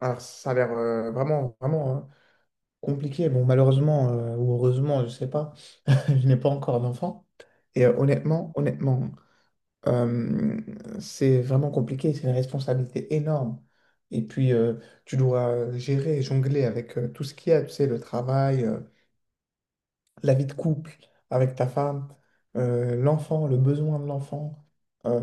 Alors, ça a l'air vraiment, vraiment, hein, compliqué. Bon, malheureusement ou heureusement, je sais pas, je n'ai pas encore d'enfant. Honnêtement, honnêtement, euh, c'est vraiment compliqué. C'est une responsabilité énorme. Et puis, tu dois gérer, jongler avec tout ce qu'il y a, tu sais, le travail. La vie de couple avec ta femme, l'enfant, le besoin de l'enfant, euh,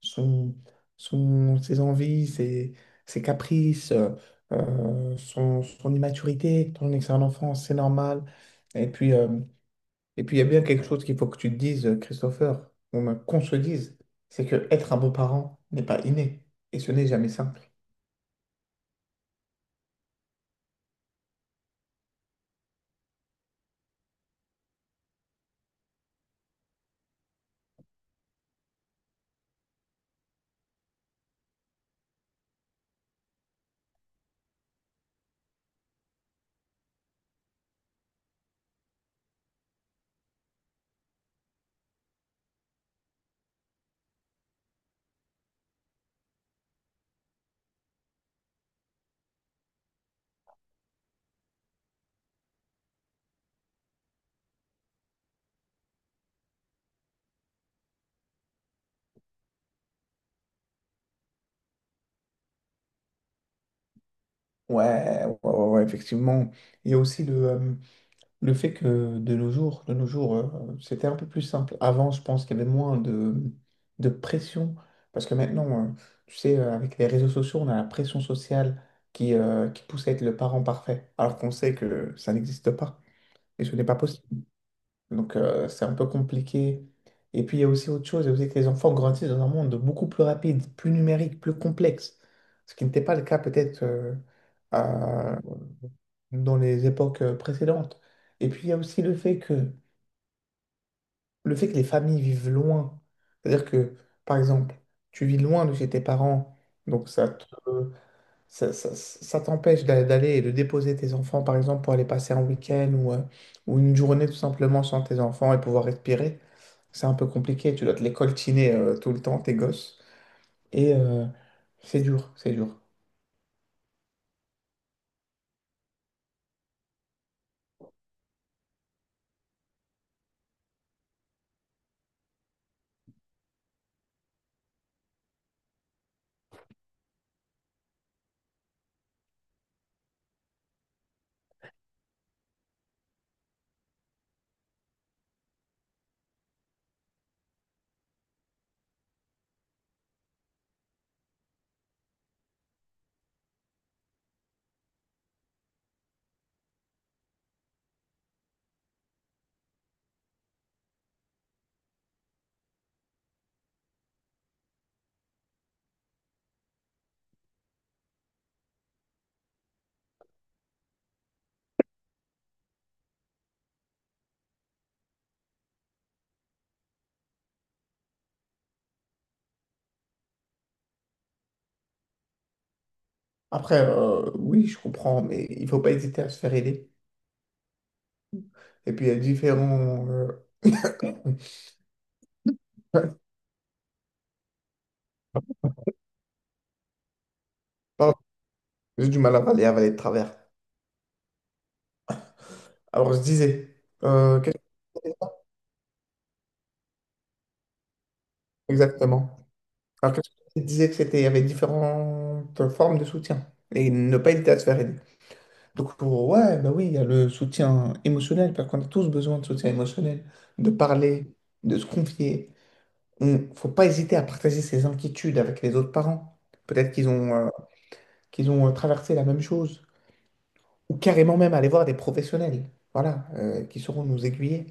son, ses envies, ses, ses caprices, son immaturité, ton excellente enfance, c'est normal. Et puis, euh, et puis, il y a bien quelque chose qu'il faut que tu te dises, Christopher, ou même qu'on se dise, c'est que être un beau-parent n'est pas inné, et ce n'est jamais simple. Ouais, ouais, ouais, ouais, effectivement. Il y a aussi le fait que de nos jours, c'était un peu plus simple. Avant, je pense qu'il y avait moins de pression. Parce que maintenant, tu sais, avec les réseaux sociaux, on a la pression sociale qui pousse à être le parent parfait. Alors qu'on sait que ça n'existe pas. Et ce n'est pas possible. Donc, c'est un peu compliqué. Et puis, il y a aussi autre chose, il y a aussi que les enfants grandissent dans un monde beaucoup plus rapide, plus numérique, plus complexe. Ce qui n'était pas le cas peut-être à- dans les époques précédentes. Et puis, il y a aussi le fait que les familles vivent loin. C'est-à-dire que, par exemple, tu vis loin de chez tes parents, donc ça te, ça- ça t'empêche d'aller et de déposer tes enfants, par exemple, pour aller passer un week-end ou une journée tout simplement sans tes enfants et pouvoir respirer. C'est un peu compliqué, tu dois te les coltiner tout le temps, tes gosses. Et euh, c'est dur, c'est dur. Après, oui, je comprends, mais il faut pas hésiter à se faire aider. Et puis, il y a différents... Pardon, j'ai du mal à avaler, avaler de travers. Alors, je disais, qu'est-ce que exactement? Alors, qu'est-ce que tu disais que c'était, il y avait différentes formes de soutien et ne pas hésiter à se faire aider. Donc, ouais, bah oui, il y a le soutien émotionnel, parce qu'on a tous besoin de soutien émotionnel, de parler, de se confier. Il faut pas hésiter à partager ses inquiétudes avec les autres parents. Peut-être qu'ils ont traversé la même chose, ou carrément même aller voir des professionnels, voilà, qui sauront nous aiguiller.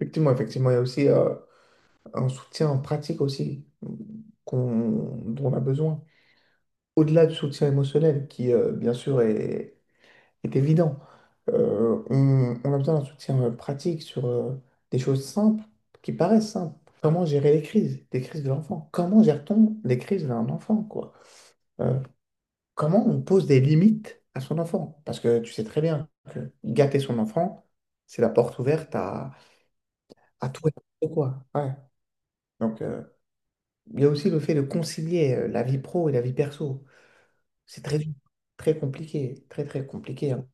Effectivement, effectivement, il y a aussi un soutien pratique aussi qu'on, dont on a besoin. Au-delà du soutien émotionnel, qui bien sûr est, est évident, on a besoin d'un soutien pratique sur des choses simples, qui paraissent simples. Comment gérer les crises de l'enfant? Comment gère-t-on les crises d'un enfant, quoi? Euh, Comment on pose des limites à son enfant? Parce que tu sais très bien que gâter son enfant, c'est la porte ouverte à tout et n'importe quoi. Ouais. Donc, il y a aussi le fait de concilier la vie pro et la vie perso. C'est très dur, très compliqué, très, très compliqué, hein.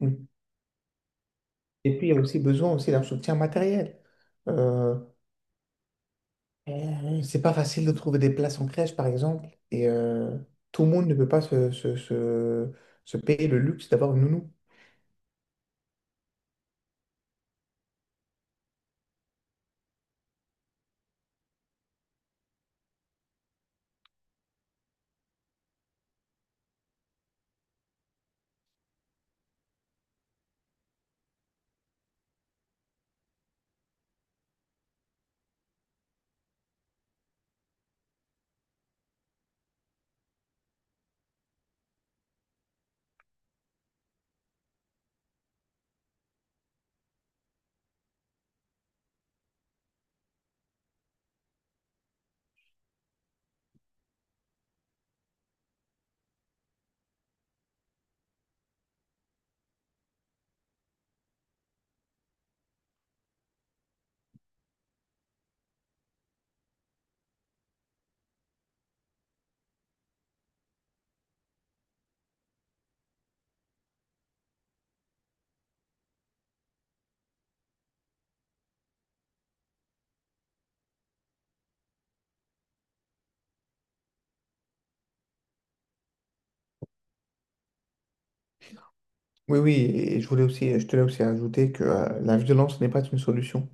Oui. Et puis, il y a aussi besoin aussi d'un soutien matériel. Euh, c'est pas facile de trouver des places en crèche, par exemple, et tout le monde ne peut pas se, se, se, se payer le luxe d'avoir une nounou. Oui, oui, et je voulais aussi, je tenais aussi à ajouter que la violence n'est pas une solution.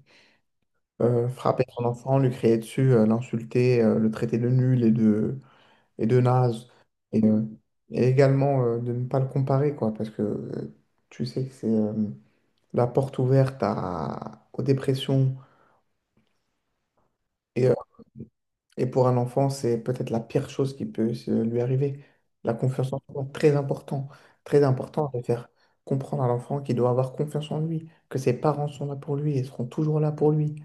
Frapper son enfant, lui crier dessus, l'insulter, le traiter de nul et de naze, et, euh, et également de ne pas le comparer, quoi, parce que tu sais que c'est... la porte ouverte aux dépressions. Et, euh, et pour un enfant, c'est peut-être la pire chose qui peut lui arriver. La confiance en soi, très important. Très important de faire comprendre à l'enfant qu'il doit avoir confiance en lui, que ses parents sont là pour lui et seront toujours là pour lui.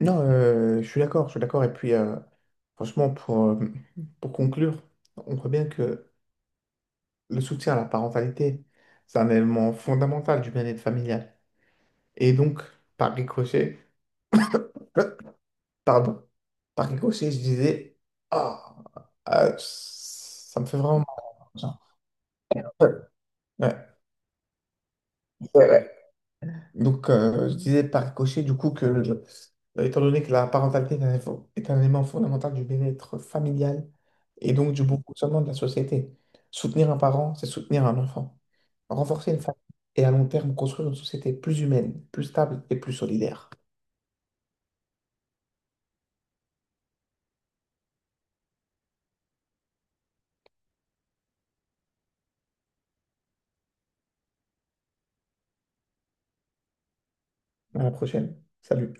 Non, je suis d'accord, je suis d'accord. Et puis, franchement, pour conclure, on voit bien que le soutien à la parentalité, c'est un élément fondamental du bien-être familial. Et donc, par ricochet, Pardon? Par ricochet, je disais, ah, ah, ça me fait vraiment mal. Genre. Ouais, ouais, ouais, ouais. Donc, je disais par ricochet, du coup, que étant donné que la parentalité est un élément fondamental du bien-être familial et donc du bon fonctionnement de la société, soutenir un parent, c'est soutenir un enfant. Renforcer une famille et à long terme construire une société plus humaine, plus stable et plus solidaire. À la prochaine. Salut.